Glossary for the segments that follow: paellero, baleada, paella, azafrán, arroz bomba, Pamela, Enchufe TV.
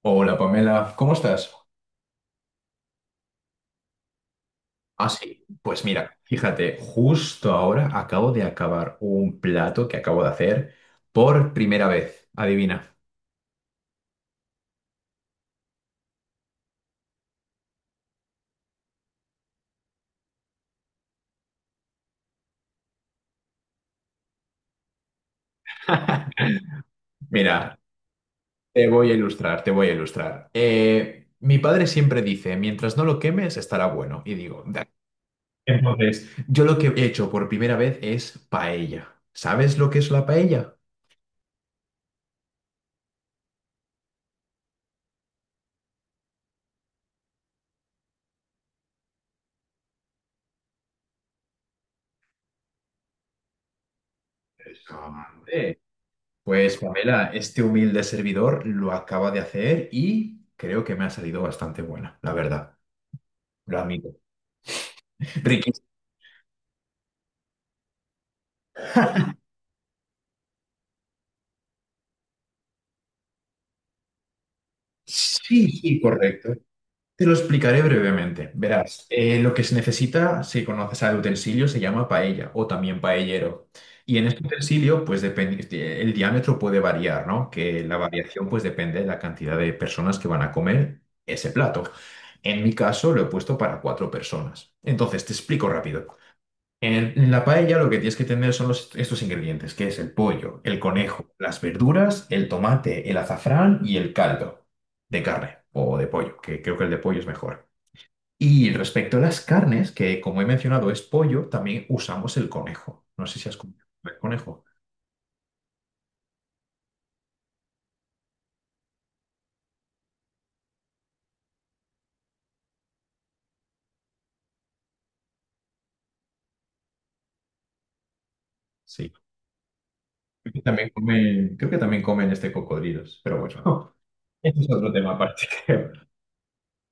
Hola Pamela, ¿cómo estás? Ah, sí. Pues mira, fíjate, justo ahora acabo de acabar un plato que acabo de hacer por primera vez. Adivina. Mira, te voy a ilustrar. Mi padre siempre dice, mientras no lo quemes, estará bueno. Y digo, "Da". Entonces, yo lo que he hecho por primera vez es paella. ¿Sabes lo que es la paella? Hombre. Pues Pamela, este humilde servidor lo acaba de hacer y creo que me ha salido bastante buena, la verdad. Lo admito. Riquísimo. Sí, sí, correcto. Te lo explicaré brevemente. Verás, lo que se necesita, si conoces al utensilio, se llama paella o también paellero. Y en este utensilio, pues depende, el diámetro puede variar, ¿no? Que la variación, pues depende de la cantidad de personas que van a comer ese plato. En mi caso, lo he puesto para 4 personas. Entonces, te explico rápido. En la paella lo que tienes que tener son estos ingredientes, que es el pollo, el conejo, las verduras, el tomate, el azafrán y el caldo de carne o de pollo, que creo que el de pollo es mejor. Y respecto a las carnes, que como he mencionado es pollo, también usamos el conejo. No sé si has comido el conejo. Sí. Creo que también comen este cocodrilos, pero bueno, este es otro tema aparte.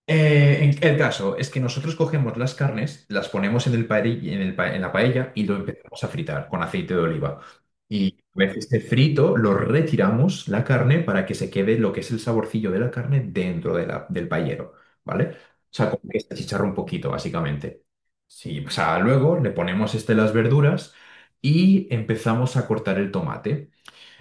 El caso es que nosotros cogemos las carnes, las ponemos en el paeri- en el pa- en la paella y lo empezamos a fritar con aceite de oliva. Y una vez esté frito, lo retiramos la carne para que se quede lo que es el saborcillo de la carne dentro de del paellero, ¿vale? O sea, como que se achicharra un poquito, básicamente. Sí, o sea, luego le ponemos este, las verduras y empezamos a cortar el tomate.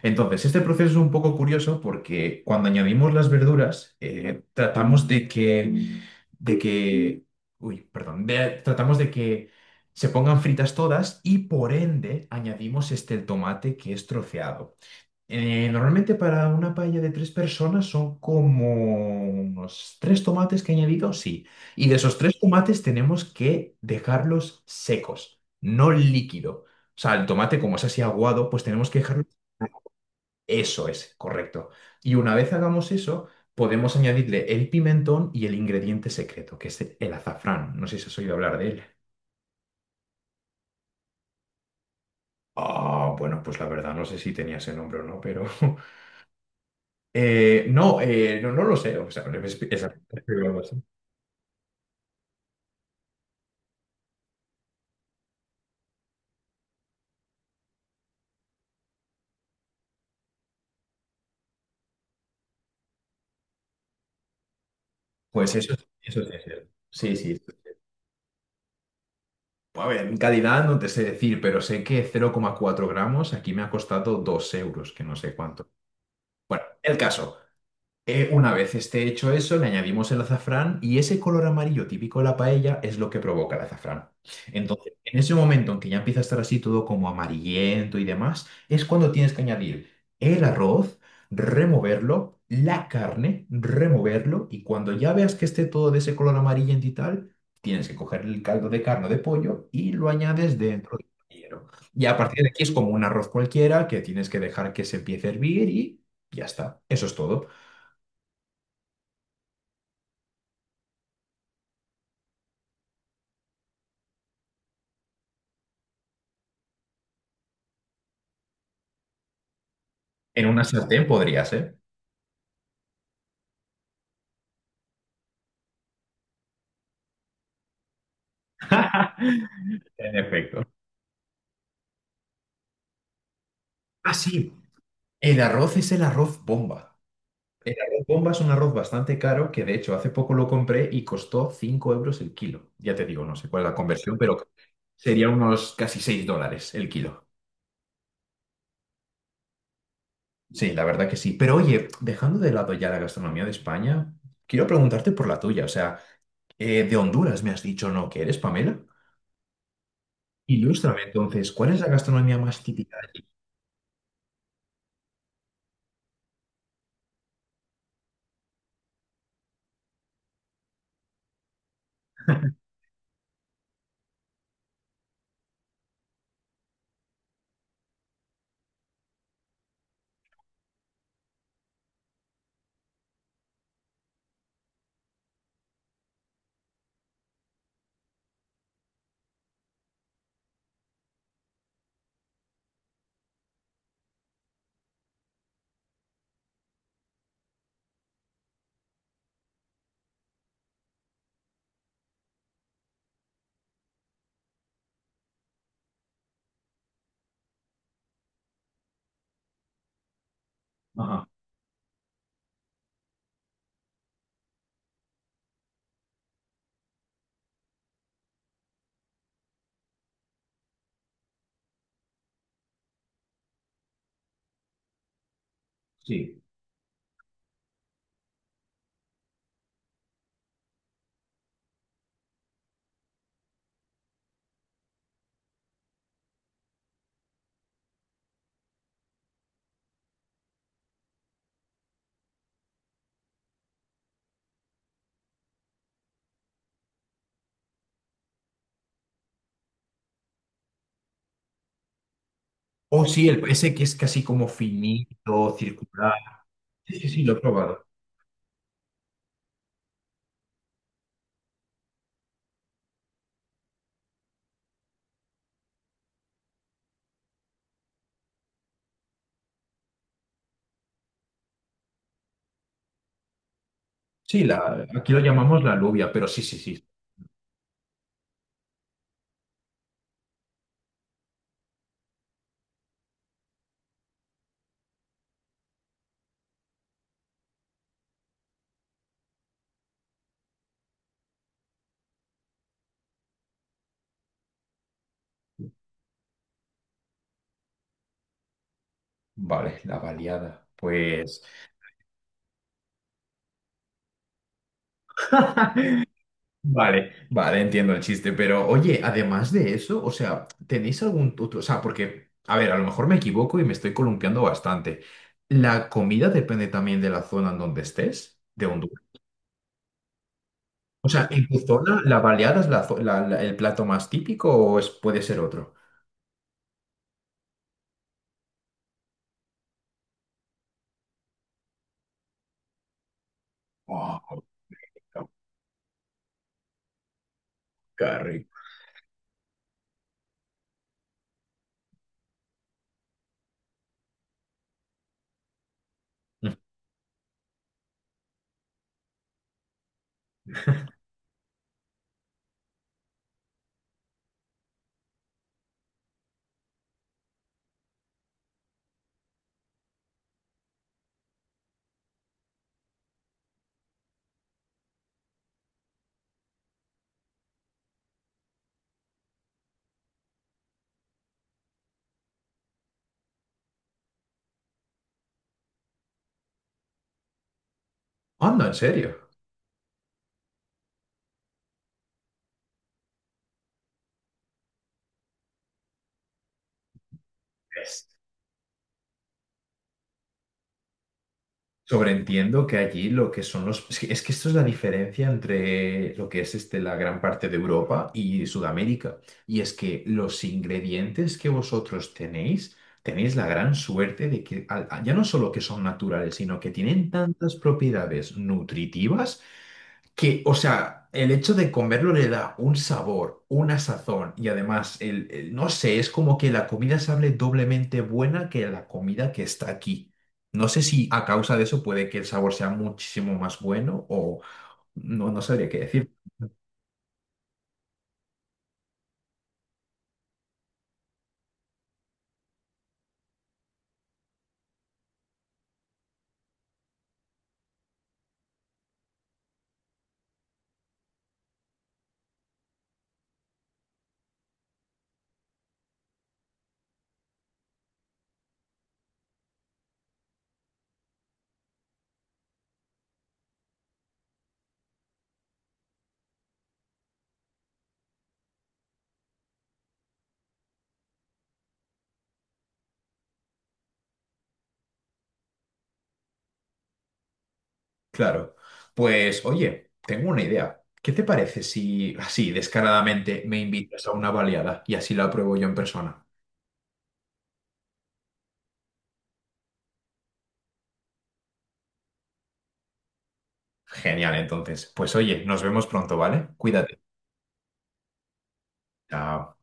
Entonces, este proceso es un poco curioso porque cuando añadimos las verduras, tratamos de que de que, uy, perdón, tratamos de que se pongan fritas todas y por ende añadimos este el tomate que es troceado. Normalmente para una paella de 3 personas son como unos 3 tomates que he añadido, sí. Y de esos 3 tomates tenemos que dejarlos secos, no líquido. O sea, el tomate como es así aguado, pues tenemos que dejarlo... Eso es, correcto. Y una vez hagamos eso, podemos añadirle el pimentón y el ingrediente secreto, que es el azafrán. No sé si has oído hablar de él. Ah, bueno, pues la verdad no sé si tenía ese nombre o no, pero... no, no lo sé. O sea, pues eso sí es cierto. Sí, sí. A ver, en calidad no te sé decir, pero sé que 0,4 gramos aquí me ha costado 2€, que no sé cuánto. Bueno, el caso. Una vez esté hecho eso, le añadimos el azafrán y ese color amarillo típico de la paella es lo que provoca el azafrán. Entonces, en ese momento en que ya empieza a estar así todo como amarillento y demás, es cuando tienes que añadir el arroz, removerlo, la carne, removerlo y cuando ya veas que esté todo de ese color amarillento y tal, tienes que coger el caldo de carne o de pollo y lo añades dentro del paellero. Y a partir de aquí es como un arroz cualquiera que tienes que dejar que se empiece a hervir y ya está. Eso es todo. En una sartén podría ser. En efecto. Ah, sí. El arroz es el arroz bomba. El arroz bomba es un arroz bastante caro que de hecho hace poco lo compré y costó 5€ el kilo. Ya te digo, no sé cuál es la conversión, pero sería unos casi $6 el kilo. Sí, la verdad que sí. Pero oye, dejando de lado ya la gastronomía de España, quiero preguntarte por la tuya. O sea, de Honduras me has dicho, ¿no? ¿Que eres, Pamela? Ilústrame entonces, ¿cuál es la gastronomía más típica de allí? Ajá, sí. Oh, sí, el, ese que es casi como finito, circular. Sí, sí, sí, lo he probado. Sí, la, aquí lo llamamos la alubia, pero sí, sí, sí. Vale, la baleada. Pues. Vale, vale, entiendo el chiste, pero oye, además de eso, o sea, ¿tenéis algún otro? O sea, porque, a ver, a lo mejor me equivoco y me estoy columpiando bastante. ¿La comida depende también de la zona en donde estés, de Honduras? O sea, ¿en tu zona la baleada es la zo- la- la- el plato más típico o es, puede ser otro? Oh, qué rico. Anda, en serio. Es- Sobreentiendo que allí lo que son los... es que esto es la diferencia entre lo que es este, la gran parte de Europa y Sudamérica. Y es que los ingredientes que vosotros tenéis, tenéis la gran suerte de que ya no solo que son naturales, sino que tienen tantas propiedades nutritivas que, o sea, el hecho de comerlo le da un sabor, una sazón y además, no sé, es como que la comida sabe doblemente buena que la comida que está aquí. No sé si a causa de eso puede que el sabor sea muchísimo más bueno o no, no sabría qué decir. Claro. Pues, oye, tengo una idea. ¿Qué te parece si así descaradamente me invitas a una baleada y así la pruebo yo en persona? Genial, entonces. Pues oye, nos vemos pronto, ¿vale? Cuídate. Chao.